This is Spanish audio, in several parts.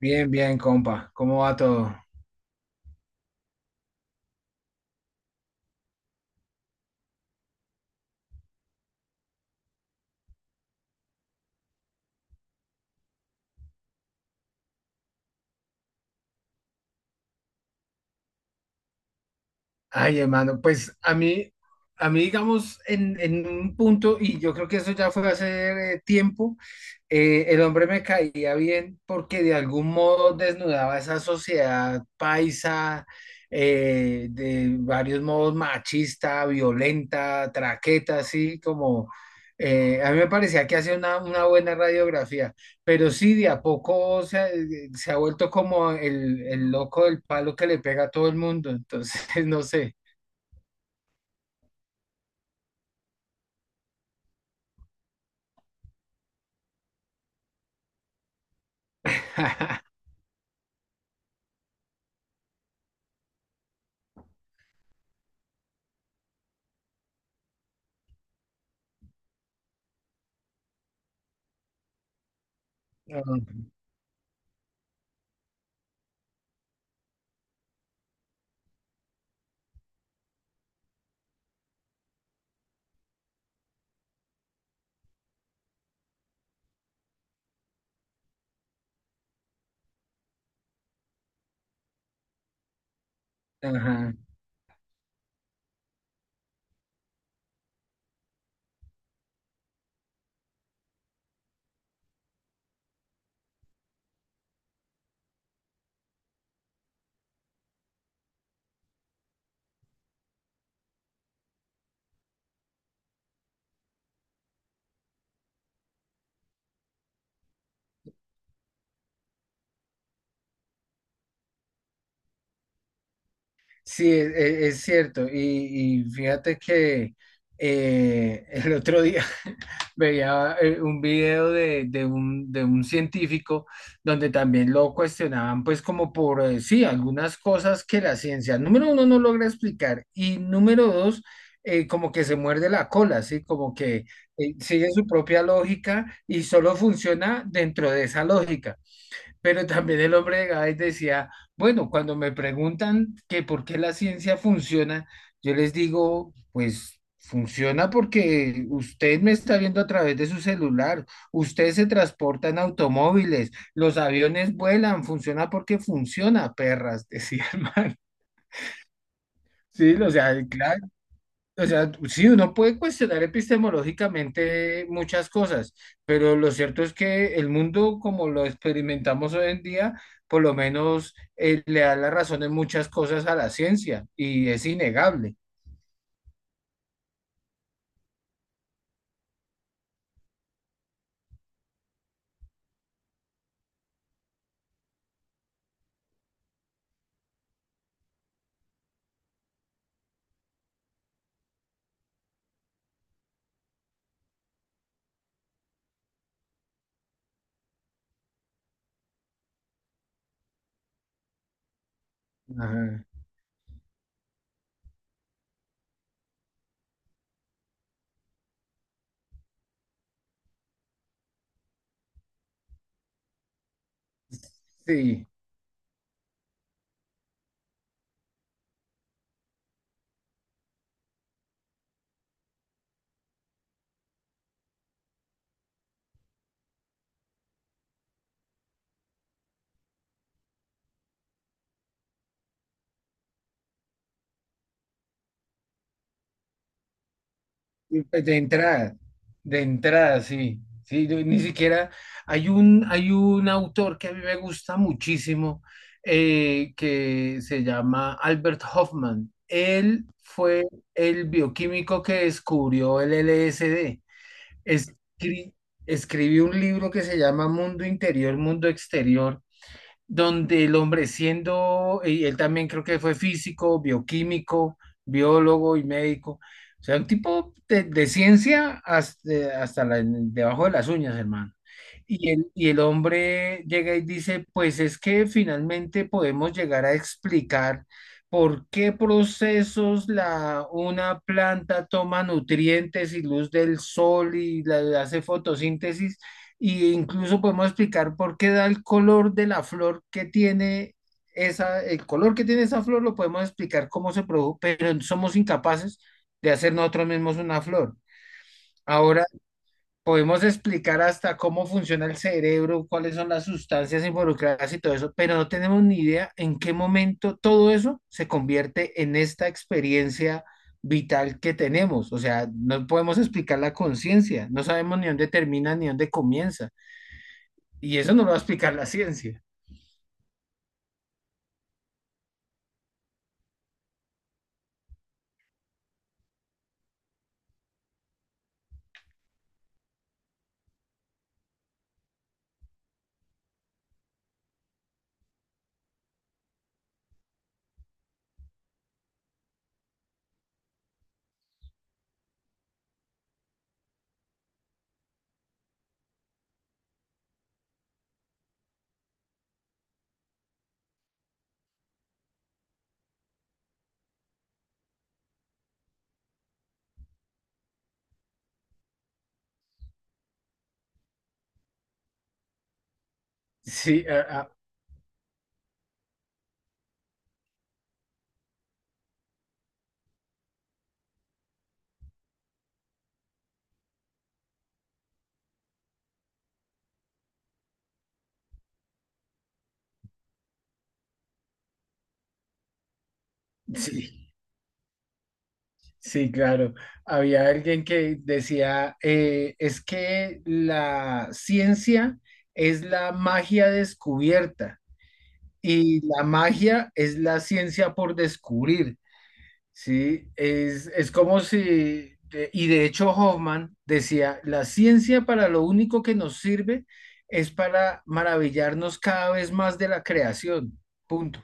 Bien, bien, compa. ¿Cómo va todo? Ay, hermano, pues a mí, digamos, en un punto, y yo creo que eso ya fue hace tiempo, el hombre me caía bien porque de algún modo desnudaba esa sociedad paisa, de varios modos machista, violenta, traqueta, así como, a mí me parecía que hacía una buena radiografía. Pero sí, de a poco se ha vuelto como el loco del palo que le pega a todo el mundo. Entonces, no sé. Ah. Ajá. Sí, es cierto. Y fíjate que el otro día veía un video de de un científico donde también lo cuestionaban, pues como por, sí, algunas cosas que la ciencia, número uno, no logra explicar y número dos, como que se muerde la cola, ¿sí? Como que sigue su propia lógica y solo funciona dentro de esa lógica. Pero también el hombre de Gades decía, bueno, cuando me preguntan que por qué la ciencia funciona, yo les digo, pues funciona porque usted me está viendo a través de su celular, usted se transporta en automóviles, los aviones vuelan, funciona porque funciona, perras, decía el man. Sí, o sea, claro, o sea, sí, uno puede cuestionar epistemológicamente muchas cosas, pero lo cierto es que el mundo como lo experimentamos hoy en día, por lo menos le da la razón en muchas cosas a la ciencia y es innegable. Ajá. Sí. De entrada, de entrada, sí. Sí, yo ni siquiera hay hay un autor que a mí me gusta muchísimo que se llama Albert Hoffman. Él fue el bioquímico que descubrió el LSD. Escri- escribió un libro que se llama Mundo Interior, Mundo Exterior donde el hombre siendo, y él también creo que fue físico, bioquímico, biólogo y médico, o sea, un tipo de ciencia hasta, debajo de las uñas, hermano. Y el hombre llega y dice, pues es que finalmente podemos llegar a explicar por qué procesos una planta toma nutrientes y luz del sol y hace fotosíntesis y incluso podemos explicar por qué da el color de la flor que tiene esa, el color que tiene esa flor lo podemos explicar cómo se produjo, pero somos incapaces de hacer nosotros mismos una flor. Ahora podemos explicar hasta cómo funciona el cerebro, cuáles son las sustancias involucradas y todo eso, pero no tenemos ni idea en qué momento todo eso se convierte en esta experiencia vital que tenemos. O sea, no podemos explicar la conciencia, no sabemos ni dónde termina ni dónde comienza. Y eso no lo va a explicar la ciencia. Sí, sí, sí, claro. Había alguien que decía, es que la ciencia es la magia descubierta y la magia es la ciencia por descubrir. Sí, es como si, y de hecho Hoffman decía, la ciencia para lo único que nos sirve es para maravillarnos cada vez más de la creación. Punto.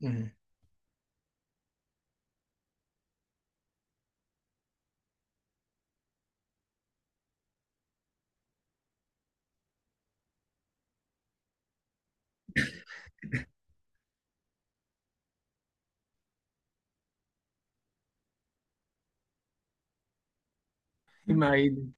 Ujú. Imagínate.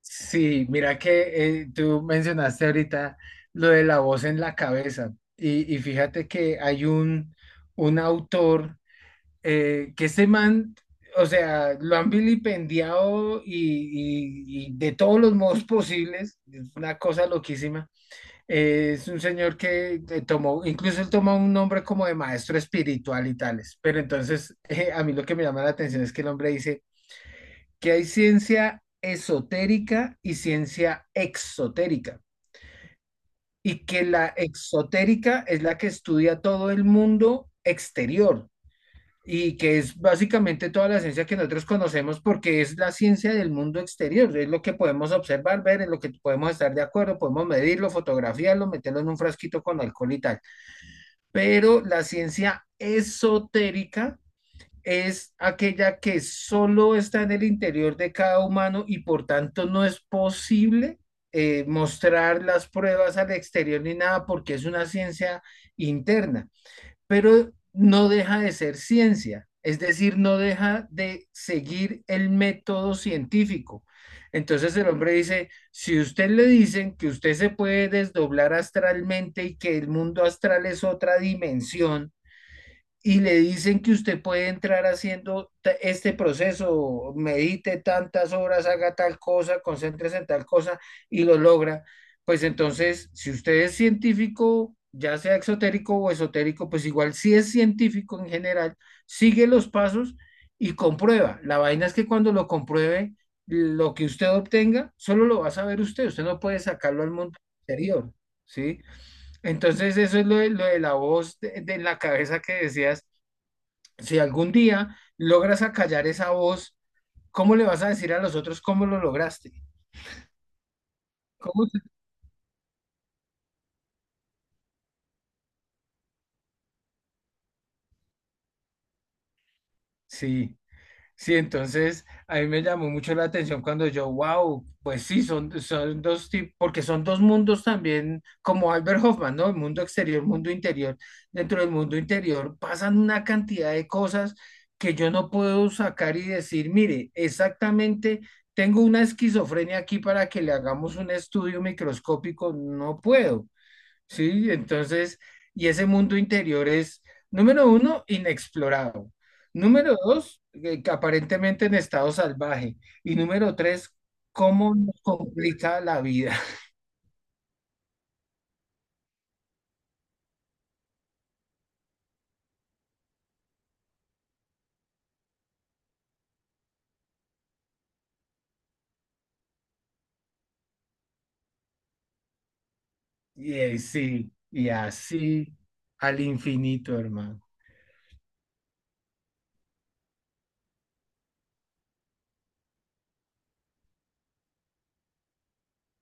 Sí, mira que tú mencionaste ahorita lo de la voz en la cabeza y fíjate que hay un autor que ese man, o sea, lo han vilipendiado y de todos los modos posibles, es una cosa loquísima. Es un señor que tomó, incluso él tomó un nombre como de maestro espiritual y tales, pero entonces a mí lo que me llama la atención es que el hombre dice que hay ciencia esotérica y ciencia exotérica, y que la exotérica es la que estudia todo el mundo exterior, y que es básicamente toda la ciencia que nosotros conocemos porque es la ciencia del mundo exterior, es lo que podemos observar, ver, es lo que podemos estar de acuerdo, podemos medirlo, fotografiarlo, meterlo en un frasquito con alcohol y tal. Pero la ciencia esotérica es aquella que solo está en el interior de cada humano y por tanto no es posible mostrar las pruebas al exterior ni nada porque es una ciencia interna, pero no deja de ser ciencia, es decir, no deja de seguir el método científico. Entonces el hombre dice, si usted le dicen que usted se puede desdoblar astralmente y que el mundo astral es otra dimensión, y le dicen que usted puede entrar haciendo este proceso, medite tantas horas, haga tal cosa, concéntrese en tal cosa y lo logra, pues entonces, si usted es científico, ya sea exotérico o esotérico, pues igual si es científico en general, sigue los pasos y comprueba. La vaina es que cuando lo compruebe, lo que usted obtenga, solo lo va a saber usted, usted no puede sacarlo al mundo exterior, ¿sí? Entonces, eso es lo de la voz de la cabeza que decías si algún día logras acallar esa voz, ¿cómo le vas a decir a los otros cómo lo lograste? ¿Cómo te- Sí, sí, entonces a mí me llamó mucho la atención cuando yo, wow, pues sí, son dos tipos, porque son dos mundos también, como Albert Hoffman, ¿no? El mundo exterior, mundo interior. Dentro del mundo interior pasan una cantidad de cosas que yo no puedo sacar y decir, mire, exactamente. Tengo una esquizofrenia aquí para que le hagamos un estudio microscópico, no puedo. Sí, entonces, y ese mundo interior es, número uno, inexplorado. Número dos, que aparentemente en estado salvaje. Y número tres, cómo nos complica la vida. Y sí, y así al infinito, hermano.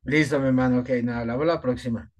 Listo, mi hermano, ok, nada, hablamos la próxima.